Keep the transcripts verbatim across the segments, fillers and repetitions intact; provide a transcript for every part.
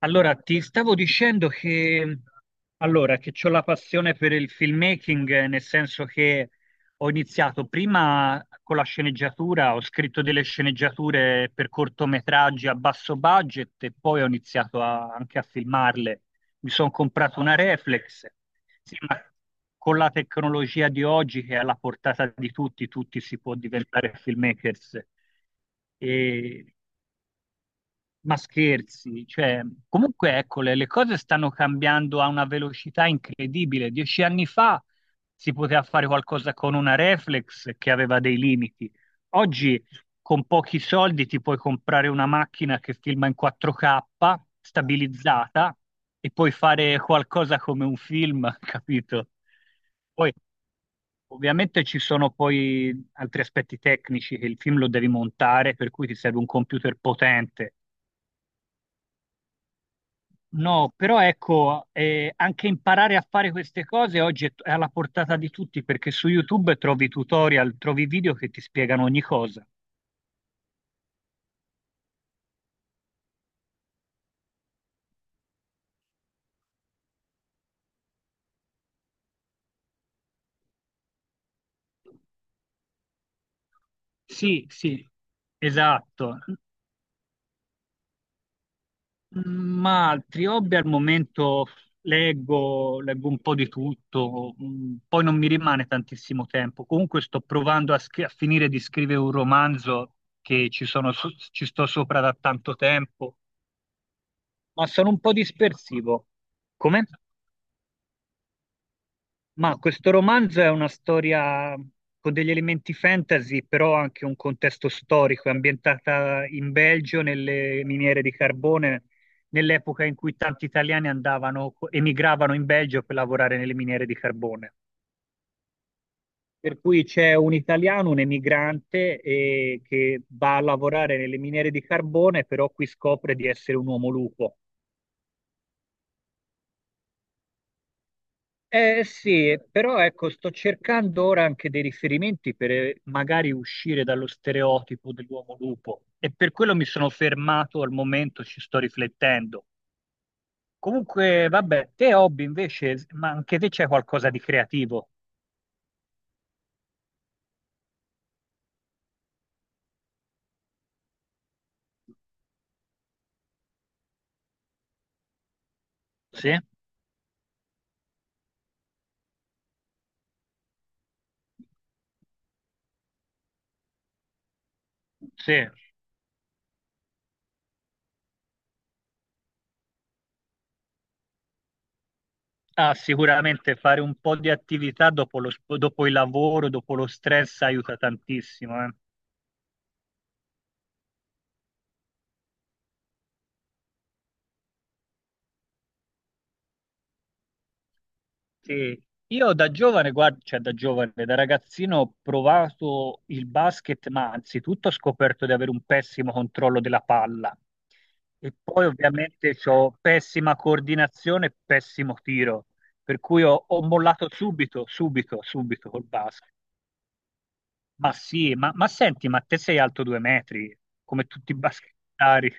Allora, ti stavo dicendo che, allora, che ho la passione per il filmmaking, eh, nel senso che ho iniziato prima con la sceneggiatura, ho scritto delle sceneggiature per cortometraggi a basso budget e poi ho iniziato a- anche a filmarle. Mi sono comprato una reflex. Sì, ma con la tecnologia di oggi che è alla portata di tutti, tutti si può diventare filmmakers. E ma scherzi, cioè, comunque ecco, le, le cose stanno cambiando a una velocità incredibile. Dieci anni fa si poteva fare qualcosa con una reflex che aveva dei limiti. Oggi con pochi soldi ti puoi comprare una macchina che filma in quattro K stabilizzata e puoi fare qualcosa come un film, capito? Poi ovviamente ci sono poi altri aspetti tecnici che il film lo devi montare, per cui ti serve un computer potente. No, però ecco, eh, anche imparare a fare queste cose oggi è, è alla portata di tutti perché su YouTube trovi tutorial, trovi video che ti spiegano ogni cosa. Sì, sì. Esatto. Mm, ma altri hobby al momento leggo, leggo un po' di tutto, mm, poi non mi rimane tantissimo tempo. Comunque sto provando a, scri- a finire di scrivere un romanzo che ci sono so- ci sto sopra da tanto tempo, ma sono un po' dispersivo. Come? Ma questo romanzo è una storia con degli elementi fantasy, però anche un contesto storico, è ambientata in Belgio, nelle miniere di carbone, nell'epoca in cui tanti italiani andavano, emigravano in Belgio per lavorare nelle miniere di carbone. Per cui c'è un italiano, un emigrante, eh, che va a lavorare nelle miniere di carbone, però qui scopre di essere un uomo lupo. Eh sì, però ecco, sto cercando ora anche dei riferimenti per eh, magari uscire dallo stereotipo dell'uomo lupo e per quello mi sono fermato al momento, ci sto riflettendo. Comunque, vabbè, te hobby invece, s- ma anche te c'è qualcosa di creativo? Sì? Sì. Ah, sicuramente fare un po' di attività dopo lo sp- dopo il lavoro, dopo lo stress aiuta tantissimo, eh. Sì. Io da giovane, guarda, cioè da giovane, da ragazzino ho provato il basket, ma anzitutto ho scoperto di avere un pessimo controllo della palla e poi ovviamente ho pessima coordinazione e pessimo tiro, per cui ho, ho mollato subito, subito, subito col basket. Ma sì, ma, ma senti, ma te sei alto due metri, come tutti i basketari.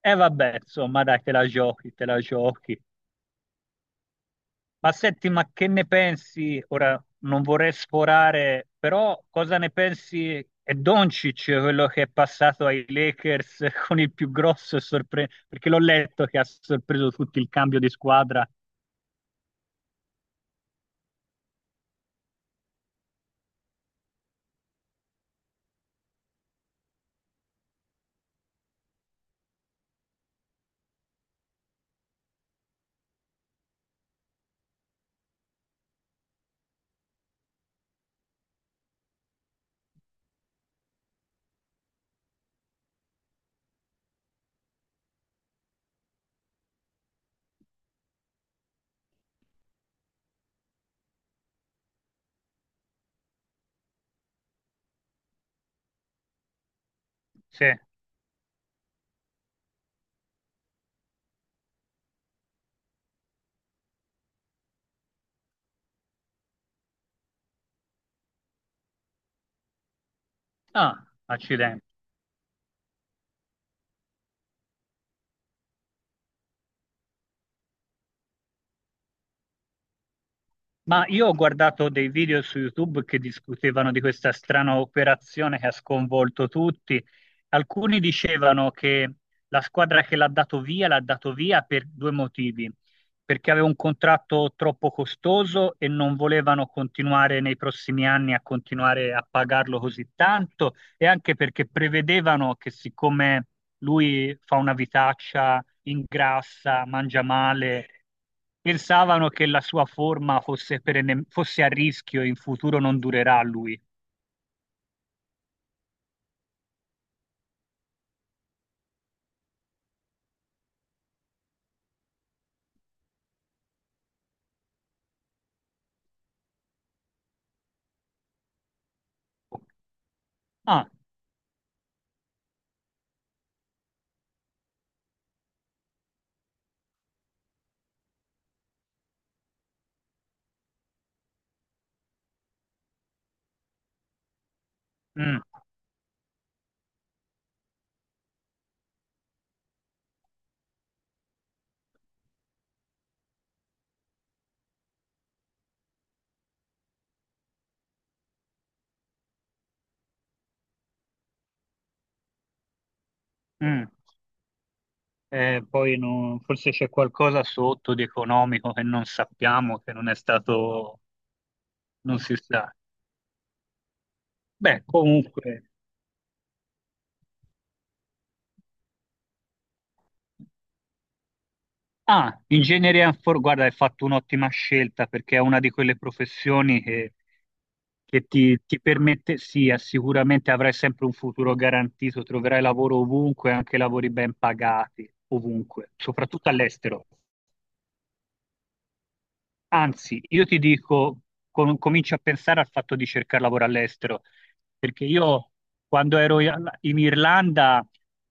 E vabbè, insomma, dai, te la giochi, te la giochi. Ma senti, ma che ne pensi? Ora non vorrei sforare, però cosa ne pensi? È Doncic quello che è passato ai Lakers con il più grosso sorpreso, perché l'ho letto che ha sorpreso tutti il cambio di squadra. Sì. Ah, accidenti. Ma io ho guardato dei video su YouTube che discutevano di questa strana operazione che ha sconvolto tutti. Alcuni dicevano che la squadra che l'ha dato via l'ha dato via per due motivi, perché aveva un contratto troppo costoso e non volevano continuare nei prossimi anni a continuare a pagarlo così tanto e anche perché prevedevano che siccome lui fa una vitaccia ingrassa, mangia male, pensavano che la sua forma fosse, perenne- fosse a rischio e in futuro non durerà a lui. Ah, mm, mm. Eh, poi non- forse c'è qualcosa sotto di economico che non sappiamo, che non è stato, non si sa. Beh, comunque. Ah, ingegnere inform- guarda, hai fatto un'ottima scelta perché è una di quelle professioni che, che ti, ti permette, sì, eh, sicuramente avrai sempre un futuro garantito, troverai lavoro ovunque, anche lavori ben pagati, ovunque, soprattutto all'estero. Anzi, io ti dico, com- cominci a pensare al fatto di cercare lavoro all'estero, perché io quando ero i- in Irlanda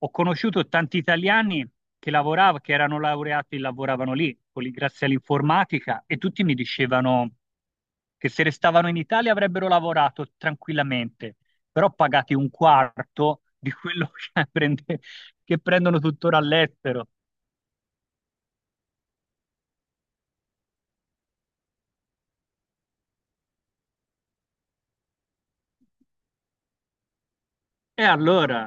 ho conosciuto tanti italiani che lavoravano, che erano laureati e lavoravano lì, con lì- grazie all'informatica, e tutti mi dicevano che se restavano in Italia avrebbero lavorato tranquillamente, però pagati un quarto di quello che, prende- che prendono tuttora all'estero. E allora.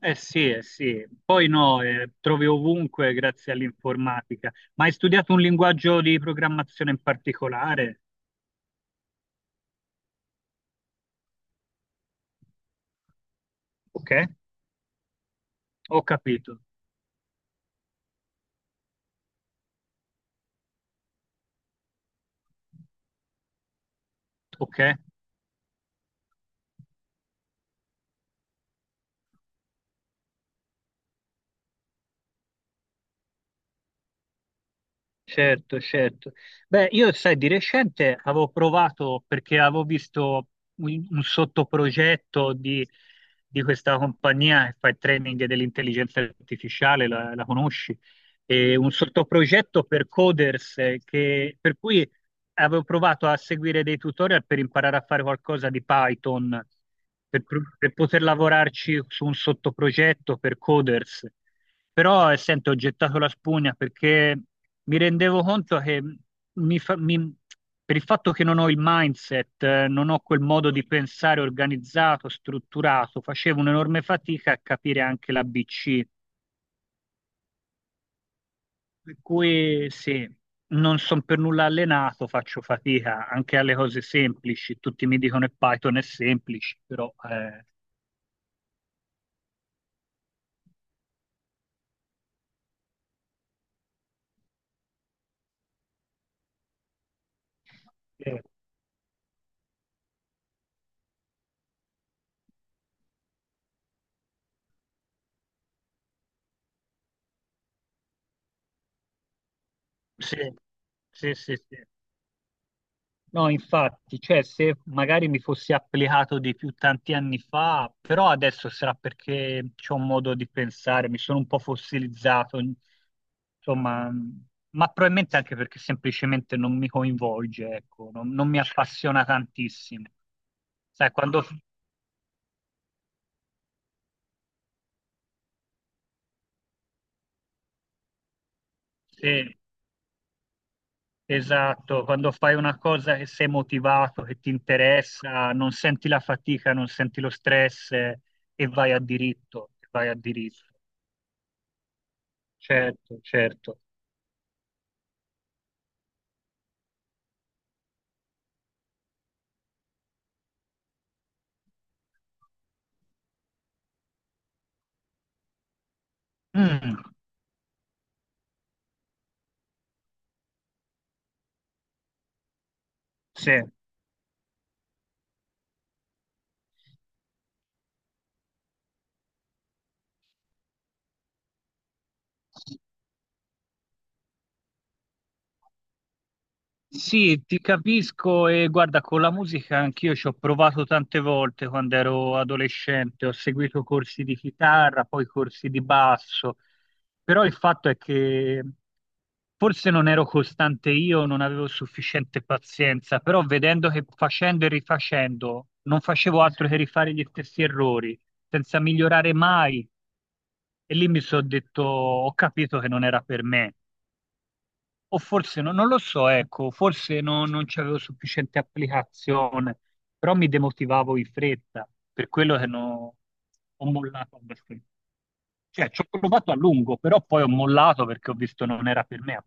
Eh sì, eh sì, poi no, eh, trovi ovunque grazie all'informatica. Ma hai studiato un linguaggio di programmazione in particolare? Ok, ho capito. Ok. Certo, certo. Beh, io sai, di recente avevo provato perché avevo visto un, un sottoprogetto di, di questa compagnia che fa il training dell'intelligenza artificiale, la, la conosci? E un sottoprogetto per coders eh, che- per cui avevo provato a seguire dei tutorial per imparare a fare qualcosa di Python, per, pro- per poter lavorarci su un sottoprogetto per coders. Però, eh, sento, ho gettato la spugna perché mi rendevo conto che mi fa- mi- per il fatto che non ho il mindset, eh, non ho quel modo di pensare organizzato, strutturato, facevo un'enorme fatica a capire anche l'A B C. Per cui sì, non sono per nulla allenato, faccio fatica anche alle cose semplici. Tutti mi dicono che Python è semplice, però eh, eh, sì, sì, sì, sì. No, infatti, cioè se magari mi fossi applicato di più tanti anni fa, però adesso sarà perché c'ho un modo di pensare, mi sono un po' fossilizzato, insomma, ma probabilmente anche perché semplicemente non mi coinvolge, ecco, non, non mi appassiona tantissimo. Sai, quando, sì, esatto, quando fai una cosa che sei motivato, che ti interessa, non senti la fatica, non senti lo stress eh, e vai a diritto, e vai a diritto. Certo, certo. Mm. Sì, sì, ti capisco e guarda, con la musica anch'io ci ho provato tante volte quando ero adolescente, ho seguito corsi di chitarra, poi corsi di basso, però il fatto è che forse non ero costante io, non avevo sufficiente pazienza, però vedendo che facendo e rifacendo non facevo altro che rifare gli stessi errori, senza migliorare mai, e lì mi sono detto, ho capito che non era per me. O forse no- non lo so, ecco, forse no- non c'avevo sufficiente applicazione, però mi demotivavo in fretta, per quello che no- ho mollato abbastanza. Cioè, ci ho provato a lungo, però poi ho mollato perché ho visto non era per me.